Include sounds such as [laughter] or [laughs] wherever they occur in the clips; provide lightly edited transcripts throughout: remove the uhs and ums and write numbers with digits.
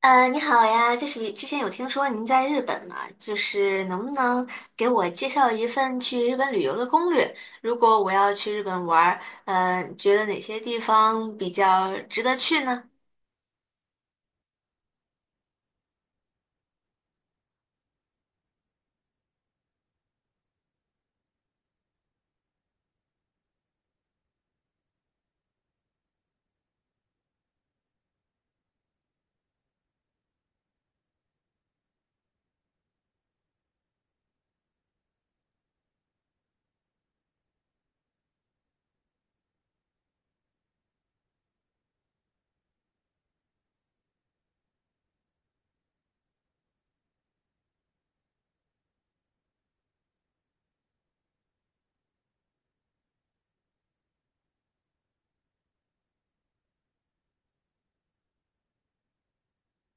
你好呀，就是之前有听说您在日本嘛，就是能不能给我介绍一份去日本旅游的攻略？如果我要去日本玩儿，觉得哪些地方比较值得去呢？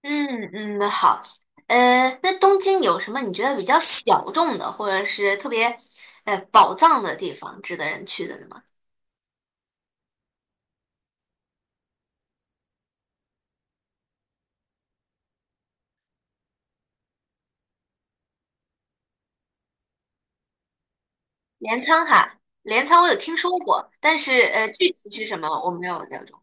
嗯嗯，好。那东京有什么你觉得比较小众的，或者是特别宝藏的地方，值得人去的呢吗？镰仓哈，镰仓我有听说过，但是具体是什么我没有了解。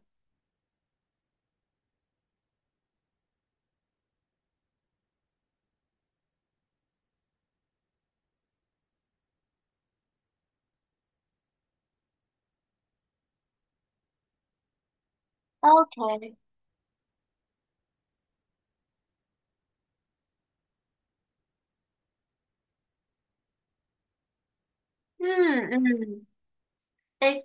OK，嗯嗯，哎，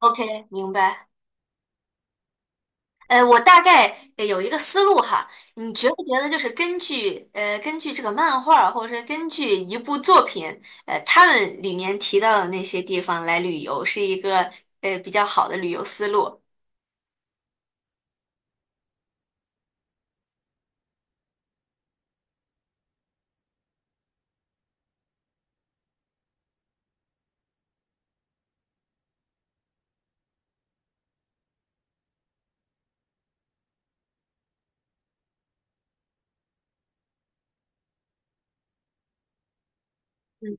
OK，明白。我大概有一个思路哈，你觉不觉得就是根据根据这个漫画儿，或者是根据一部作品，他们里面提到的那些地方来旅游，是一个比较好的旅游思路？嗯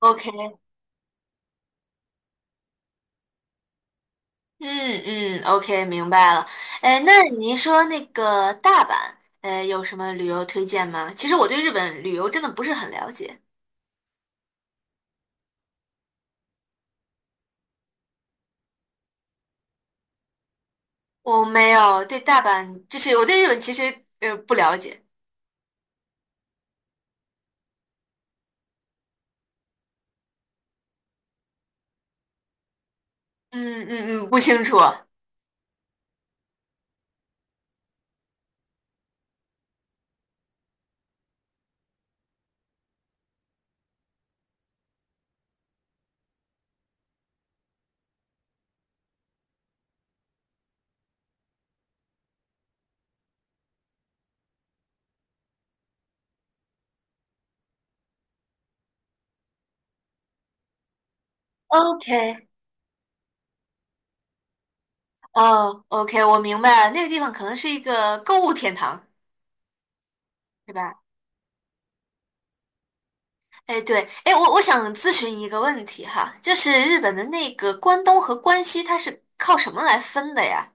，OK，嗯嗯，OK，明白了。那您说那个大阪，有什么旅游推荐吗？其实我对日本旅游真的不是很了解，我没有对大阪，就是我对日本其实不了解。嗯嗯嗯，不清楚。OK，哦，OK，我明白了，那个地方可能是一个购物天堂，是吧？哎，对，哎，我想咨询一个问题哈，就是日本的那个关东和关西，它是靠什么来分的呀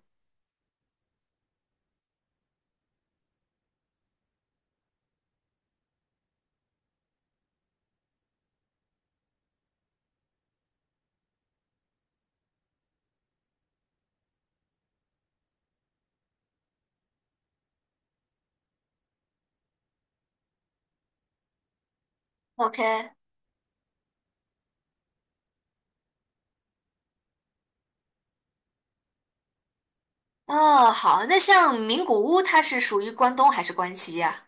？OK，哦，好，那像名古屋，它是属于关东还是关西呀？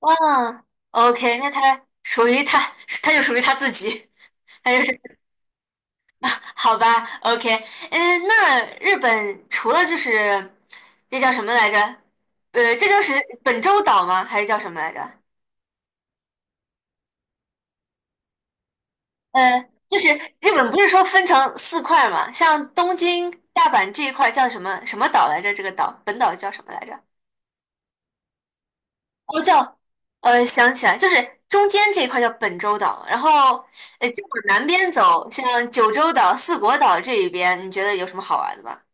哇，OK，那它属于它，它就属于它自己，[laughs] 它就是 [laughs] 好吧，OK，嗯，那日本除了就是这叫什么来着？这就是本州岛吗？还是叫什么来着？呃，就是日本不是说分成四块儿吗？像东京、大阪这一块儿叫什么什么岛来着？这个岛本岛叫什么来着？哦，叫想起来，就是中间这一块叫本州岛，然后再往南边走，像九州岛、四国岛这一边，你觉得有什么好玩的吧？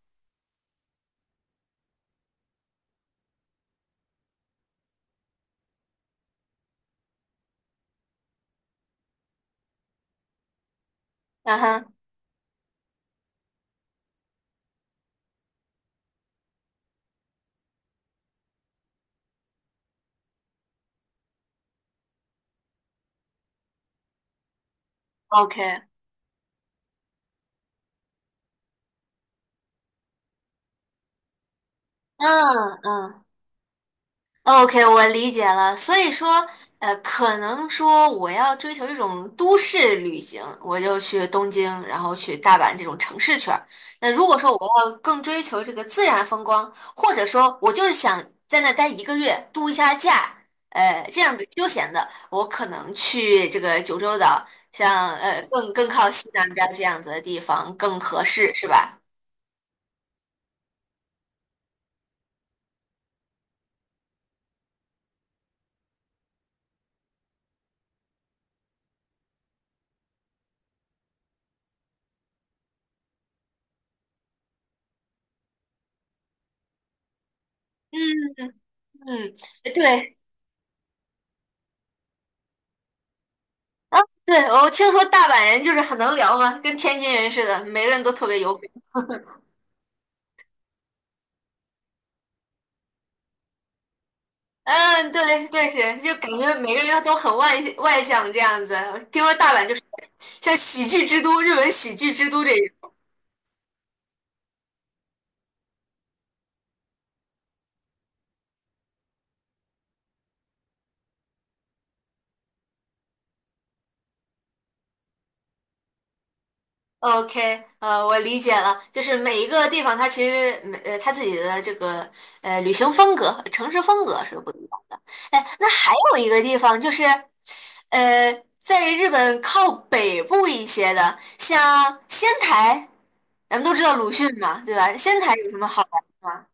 嗯哼，OK，嗯嗯。OK，我理解了。所以说，可能说我要追求这种都市旅行，我就去东京，然后去大阪这种城市圈儿。那如果说我要更追求这个自然风光，或者说我就是想在那儿待一个月，度一下假，这样子休闲的，我可能去这个九州岛，像更靠西南边儿这样子的地方更合适，是吧？嗯嗯，对，啊，对，我听说大阪人就是很能聊嘛，跟天津人似的，每个人都特别有梗。嗯，对，对是，就感觉每个人都很外向这样子。听说大阪就是像喜剧之都，日本喜剧之都这种。OK，我理解了，就是每一个地方它其实它自己的这个旅行风格、城市风格是不一样的。哎，那还有一个地方就是，呃，在日本靠北部一些的，像仙台，咱们都知道鲁迅嘛，对吧？仙台有什么好玩的吗？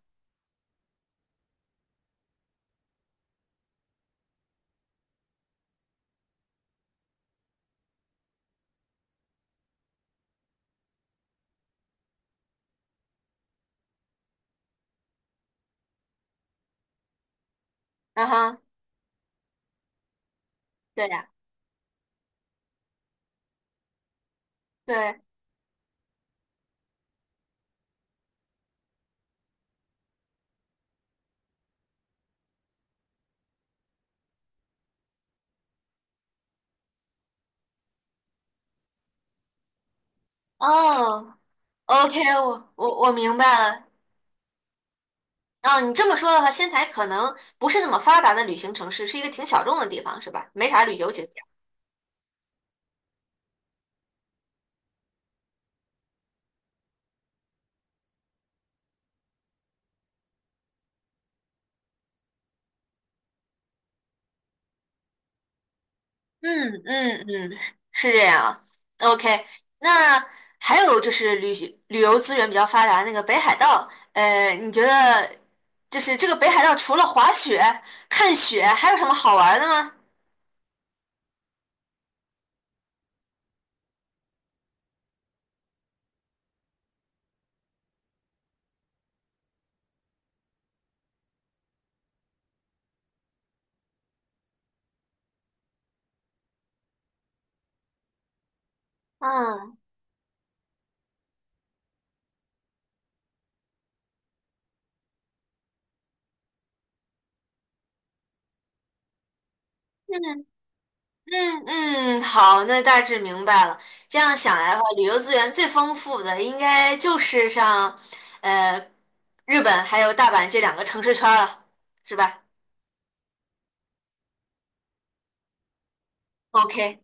嗯哼，对呀，对，哦，OK，我明白了。哦，你这么说的话，仙台可能不是那么发达的旅行城市，是一个挺小众的地方，是吧？没啥旅游景点。嗯嗯嗯，是这样。OK，那还有就是旅游资源比较发达那个北海道，你觉得就是这个北海道除了滑雪、看雪，还有什么好玩的吗？嗯嗯嗯嗯，好，那大致明白了。这样想来的话，旅游资源最丰富的应该就是像呃日本还有大阪这两个城市圈儿了，是吧？OK，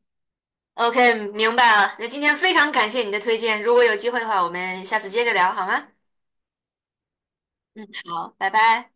OK，明白了。那今天非常感谢你的推荐，如果有机会的话，我们下次接着聊好吗？嗯，好，拜拜。